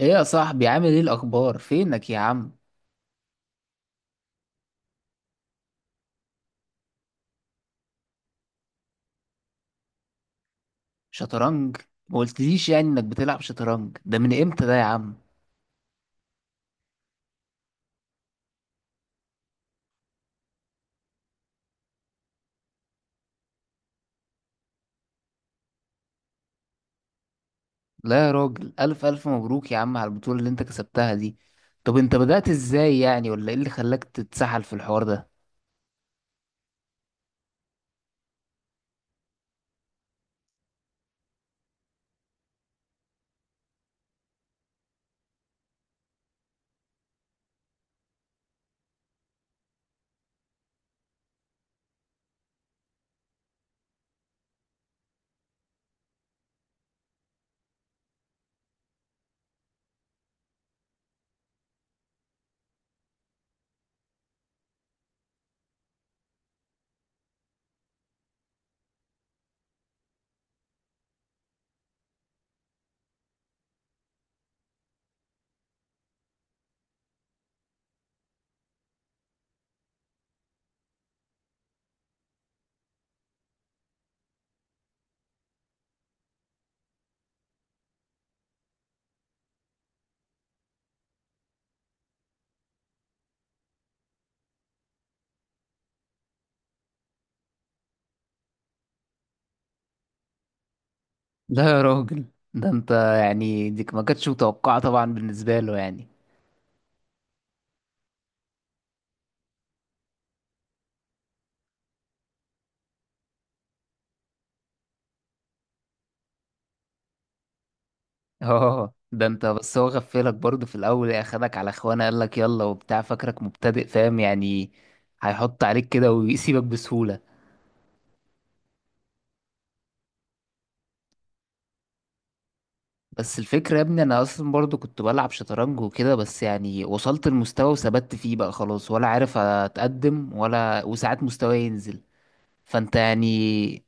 ايه يا صاحبي، عامل ايه الاخبار؟ فينك يا عم؟ شطرنج؟ ما قلتليش يعني انك بتلعب شطرنج، ده من امتى ده يا عم؟ لا يا راجل، الف الف مبروك يا عم على البطولة اللي انت كسبتها دي. طب انت بدأت ازاي يعني؟ ولا ايه اللي خلاك تتسحل في الحوار ده؟ لا يا راجل، ده انت، يعني دي ما كانتش متوقعة طبعا بالنسبة له يعني. اه، ده انت. بس هو غفلك برضه في الاول ايه، اخدك على اخوانه، قالك يلا وبتاع، فاكرك مبتدئ، فاهم يعني؟ هيحط عليك كده ويسيبك بسهولة. بس الفكرة يا ابني، انا اصلا برضو كنت بلعب شطرنج وكده، بس يعني وصلت المستوى وثبت فيه بقى خلاص، ولا عارف اتقدم، ولا وساعات مستواي ينزل. فانت يعني.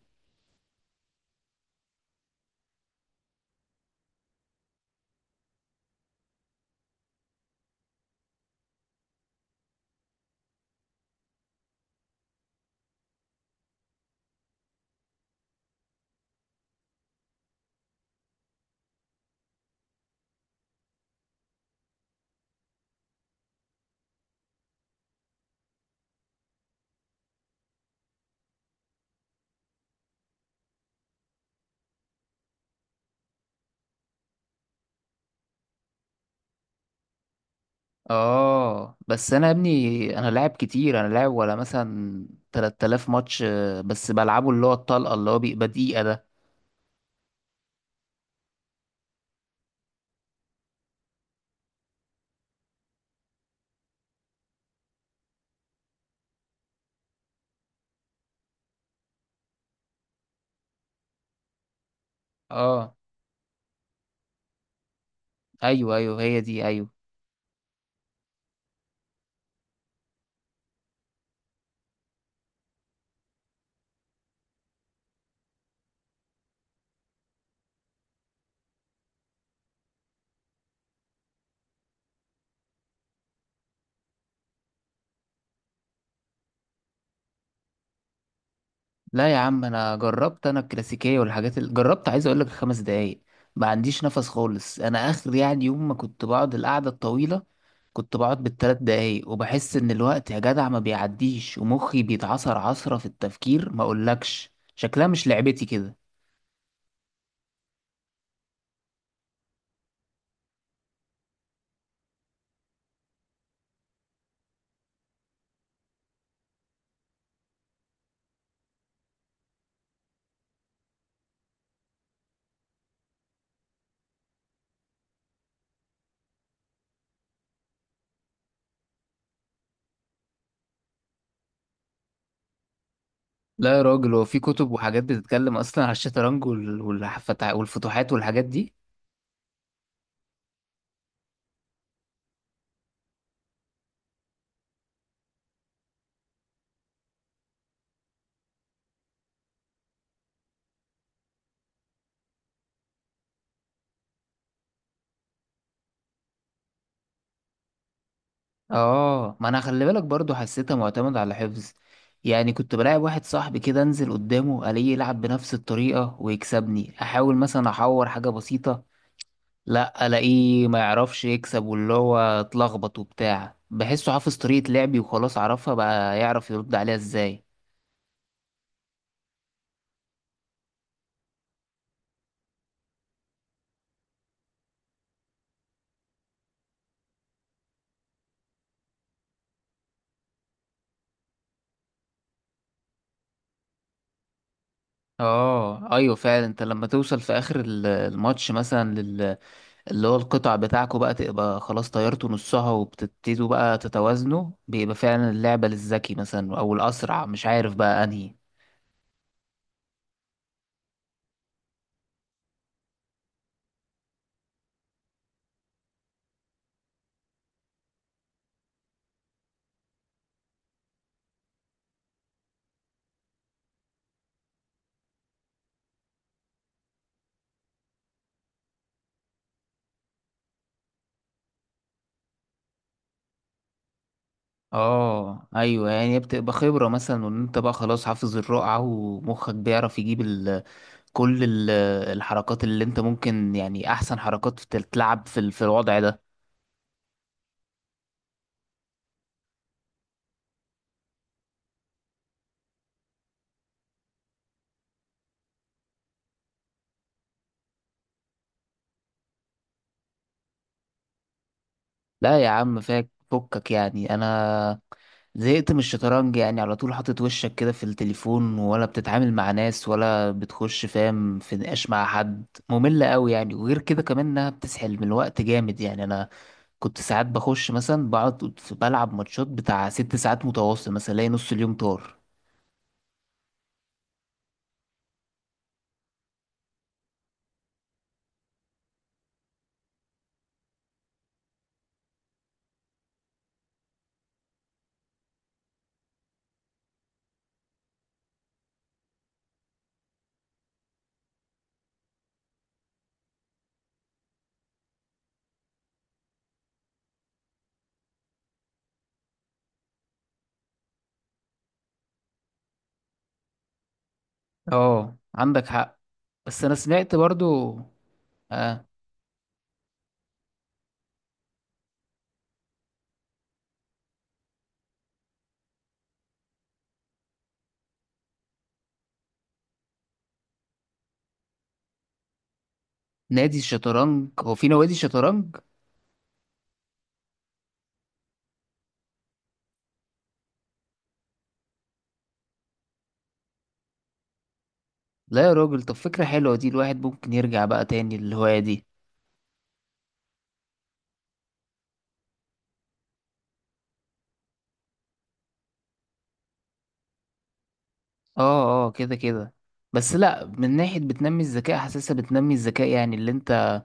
اه، بس انا يا ابني، انا لاعب كتير، انا لاعب ولا مثلا 3000 ماتش بس بلعبه اللي هو الطلقة، اللي هو بيبقى دقيقة ده. اه، ايوه ايوه، هي دي، ايوه. لا يا عم، انا جربت، انا الكلاسيكيه والحاجات اللي جربت، عايز اقول لك 5 دقايق ما عنديش نفس خالص. انا اخر يعني يوم ما كنت بقعد القعده الطويله كنت بقعد بالثلاث دقايق، وبحس ان الوقت يا جدع ما بيعديش، ومخي بيتعصر عصره في التفكير، ما اقولكش شكلها مش لعبتي كده. لا يا راجل، هو في كتب وحاجات بتتكلم اصلا على الشطرنج والفتوحات والحاجات دي؟ اه، ما انا خلي بالك برضو حسيتها معتمد على حفظ. يعني كنت بلاعب واحد صاحبي كده، انزل قدامه الاقيه يلعب بنفس الطريقة ويكسبني، احاول مثلا احور حاجة بسيطة، لا الاقيه ما يعرفش يكسب، واللي هو اتلخبط وبتاع، بحسه حافظ طريقة لعبي وخلاص، عرفها بقى، يعرف يرد عليها ازاي. اه ايوه، فعلا انت لما توصل في اخر الماتش مثلا، اللي هو القطع بتاعكوا بقى تبقى خلاص طيرتوا نصها، وبتبتدوا بقى تتوازنوا، بيبقى فعلا اللعبة للذكي مثلا أو الأسرع، مش عارف بقى أنهي. اه ايوه، يعني بتبقى خبرة مثلا، وان انت بقى خلاص حافظ الرقعة، ومخك بيعرف يجيب كل الحركات اللي انت ممكن يعني احسن حركات تتلعب في في الوضع ده. لا يا عم، فكك يعني انا زهقت من الشطرنج، يعني على طول حاطط وشك كده في التليفون، ولا بتتعامل مع ناس، ولا بتخش فاهم في نقاش مع حد، مملة قوي يعني. وغير كده كمان انها بتسحل من الوقت جامد يعني، انا كنت ساعات بخش مثلا بقعد بلعب ماتشات بتاع 6 ساعات متواصل مثلا، الاقي نص اليوم طار. اه، عندك حق. بس انا سمعت برضو. آه، نادي الشطرنج، هو في نوادي شطرنج؟ لا يا راجل، طب فكرة حلوة دي، الواحد ممكن يرجع بقى تاني للهواية دي. اه اه، كده كده. بس لا، من ناحية بتنمي الذكاء، حاسسها بتنمي الذكاء يعني اللي انت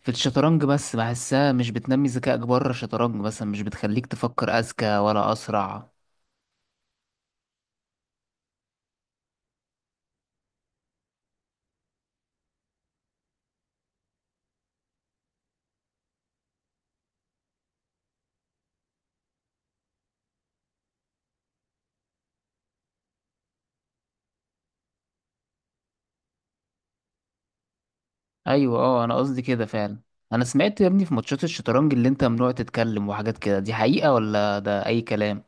في الشطرنج بس، بحسها مش بتنمي ذكائك بره الشطرنج مثلا، مش بتخليك تفكر أذكى ولا أسرع. أيوة اه، أنا قصدي كده فعلا. أنا سمعت يا ابني في ماتشات الشطرنج اللي انت ممنوع تتكلم وحاجات كده، دي حقيقة ولا ده أي كلام؟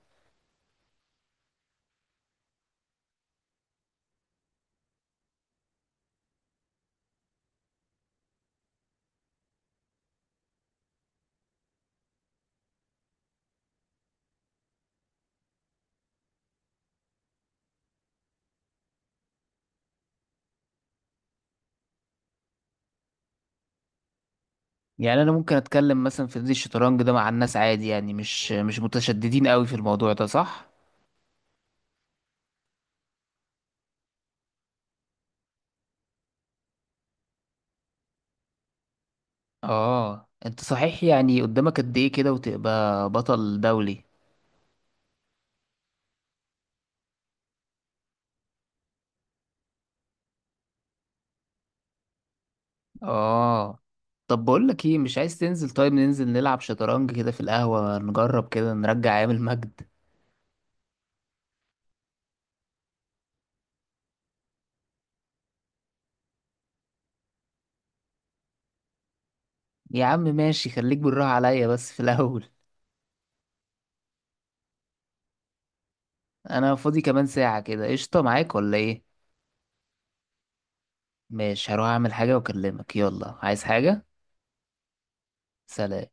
يعني أنا ممكن أتكلم مثلا في نادي الشطرنج ده مع الناس عادي؟ يعني مش متشددين قوي في الموضوع ده صح؟ اه، انت صحيح، يعني قدامك قد ايه كده وتبقى بطل دولي؟ اه طب، بقول لك ايه، مش عايز تنزل؟ طيب ننزل نلعب شطرنج كده في القهوة، نجرب كده نرجع ايام المجد. يا عم ماشي، خليك بالراحة عليا بس في الاول. انا فاضي كمان ساعة كده، قشطة معاك ولا ايه؟ ماشي، هروح اعمل حاجة واكلمك، يلا، عايز حاجة؟ سلام.